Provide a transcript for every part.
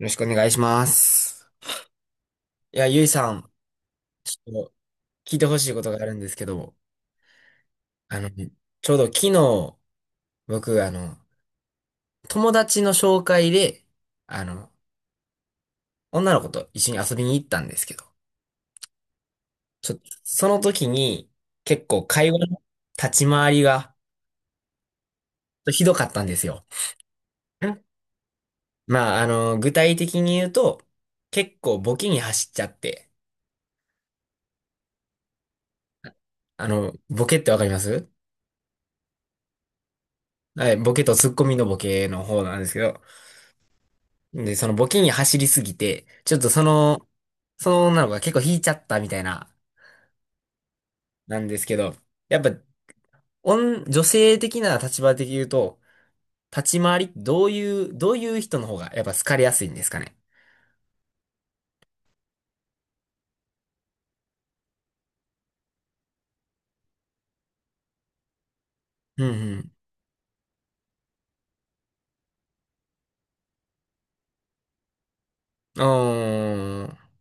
よろしくお願いします。いや、ゆいさん、ちょっと聞いてほしいことがあるんですけど、ちょうど昨日、僕、友達の紹介で、あの、女の子と一緒に遊びに行ったんですけど、ちょっと、その時に、結構会話の立ち回りがひどかったんですよ。んまあ、具体的に言うと、結構ボケに走っちゃって、ボケってわかります？はい、ボケとツッコミのボケの方なんですけど、で、そのボケに走りすぎて、ちょっとその女の子が結構引いちゃったみたいな、なんですけど、やっぱ、女性的な立場的に言うと、立ち回り、どういう人の方がやっぱ好かれやすいんですかね。うんうん。うーん。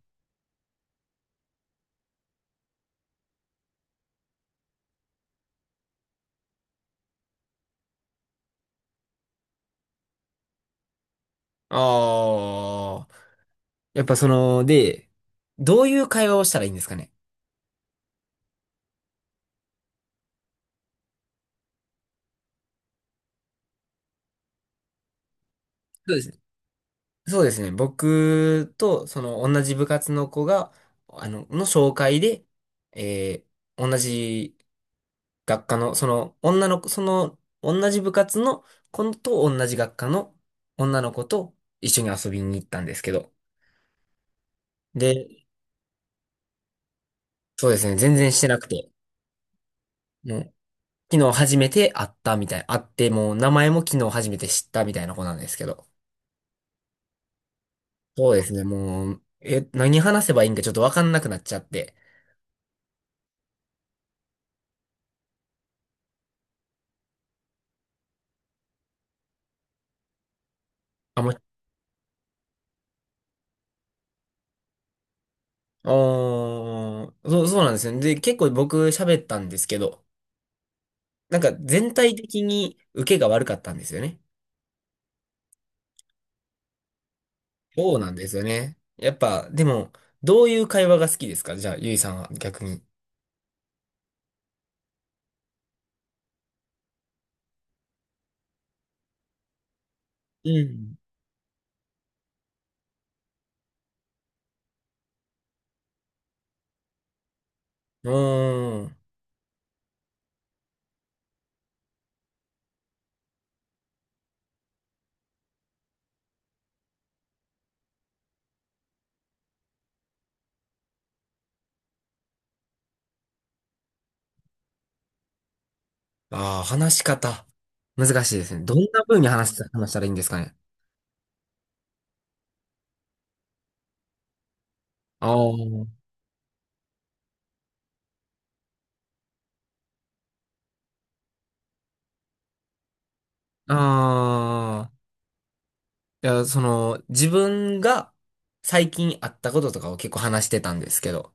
ああ。やっぱで、どういう会話をしたらいいんですかね。そうですね。そうですね。僕と、同じ部活の子が、紹介で、えー同じ学科の、女の子、同じ部活の子と同じ学科の女の子と一緒に遊びに行ったんですけど。で、そうですね、全然してなくて、もう、昨日初めて会ったみたい、会って、もう名前も昨日初めて知ったみたいな子なんですけど。そうですね、もう、何話せばいいんかちょっとわかんなくなっちゃって。あ、もう、おー、そうなんですよね。で、結構僕喋ったんですけど、なんか全体的に受けが悪かったんですよね。そうなんですよね。やっぱ、でも、どういう会話が好きですか？じゃあ、ゆいさんは逆に。うん。うーん。ああ、話し方。難しいですね。どんな風に話したらいいんですかね。ああ、ああ、いや、自分が最近あったこととかを結構話してたんですけど、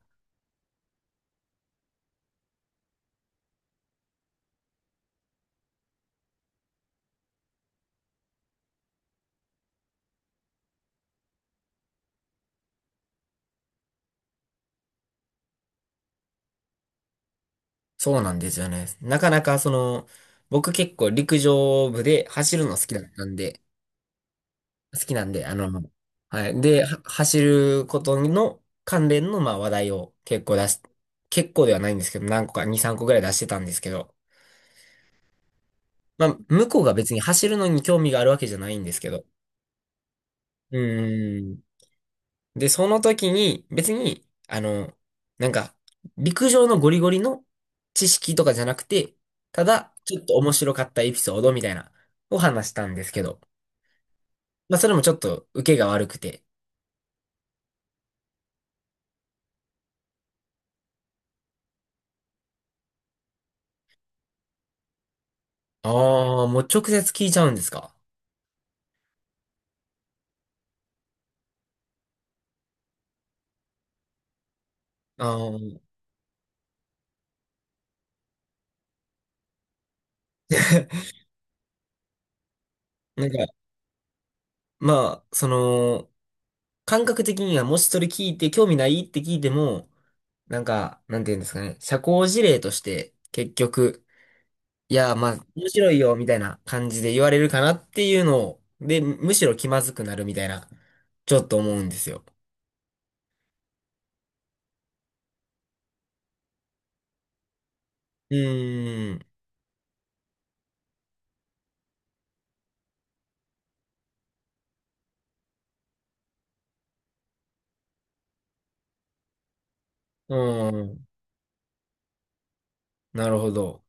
そうなんですよね。なかなか、僕結構陸上部で走るの好きなんで、はい。で、は走ることの関連の、まあ、話題を結構出す。結構ではないんですけど、何個か、2、3個ぐらい出してたんですけど、まあ、向こうが別に走るのに興味があるわけじゃないんですけど、うーん。で、その時に、別に、なんか、陸上のゴリゴリの知識とかじゃなくて、ただ、ちょっと面白かったエピソードみたいな、を話したんですけど、まあ、それもちょっと受けが悪くて、ああ、もう直接聞いちゃうんですか？あー なんか、まあ、感覚的には、もしそれ聞いて、興味ないって聞いても、なんか、なんていうんですかね、社交辞令として、結局、いや、まあ、面白いよ、みたいな感じで言われるかなっていうのを、で、むしろ気まずくなるみたいな、ちょっと思うんですよ。うーん、うん、なるほど。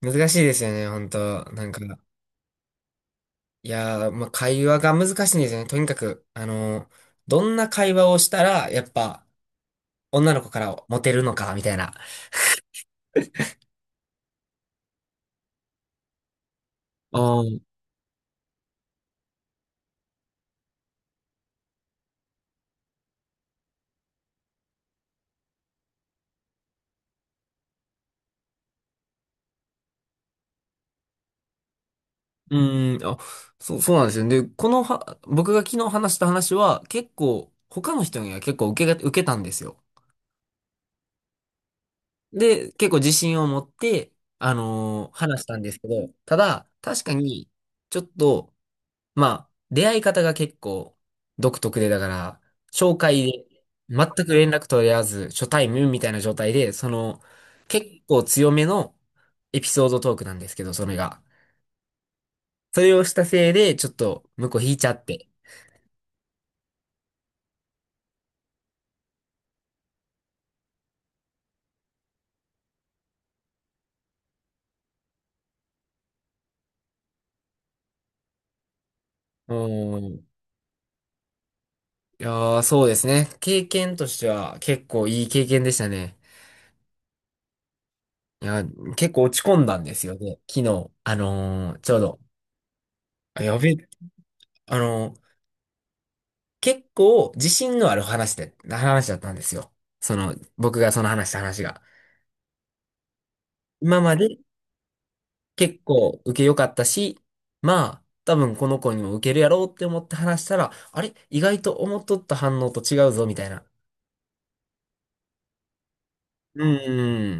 難しいですよね、本当なんか、いやー、まあ、会話が難しいんですよね。とにかく、どんな会話をしたら、やっぱ、女の子からモテるのか、みたいな。ああ、うーん、あ、そうなんですよね。で、このは、僕が昨日話した話は、結構、他の人には結構受けたんですよ。で、結構自信を持って、話したんですけど、ただ、確かに、ちょっと、まあ、出会い方が結構、独特で、だから、紹介で、全く連絡取り合わず、初対面みたいな状態で、結構強めのエピソードトークなんですけど、それが。それをしたせいで、ちょっと向こう引いちゃって。うん。いやー、そうですね。経験としては結構いい経験でしたね。いや、結構落ち込んだんですよね。昨日、ちょうど。あやべえ、あのー結構自信のある話だったんですよ。僕がその話した話が。今まで結構受け良かったし、まあ、多分この子にも受けるやろうって思って話したら、あれ意外と思っとった反応と違うぞ、みたいな。う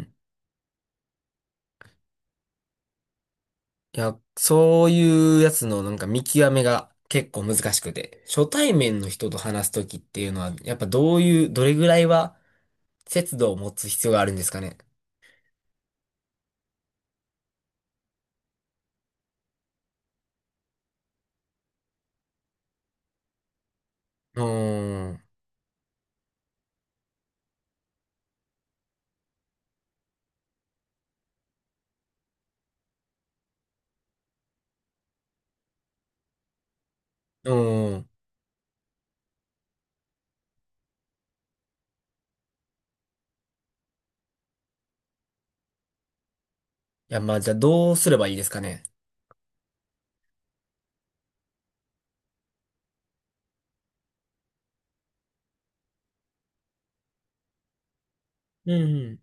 ん。いや、そういうやつのなんか見極めが結構難しくて、初対面の人と話すときっていうのは、やっぱどういう、どれぐらいは節度を持つ必要があるんですかね。うーん。うーん。いや、まあじゃあどうすればいいですかね。うん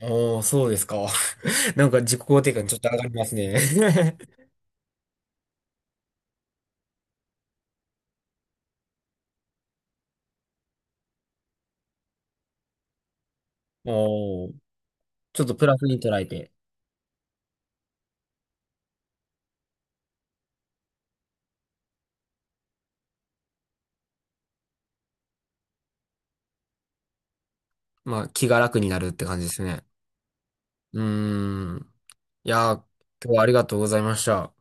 うん。おー、そうですか。なんか自己肯定感ちょっと上がりますね。おー、ちょっとプラスに捉えて、まあ気が楽になるって感じですね。うーん。いやー、今日はありがとうございました。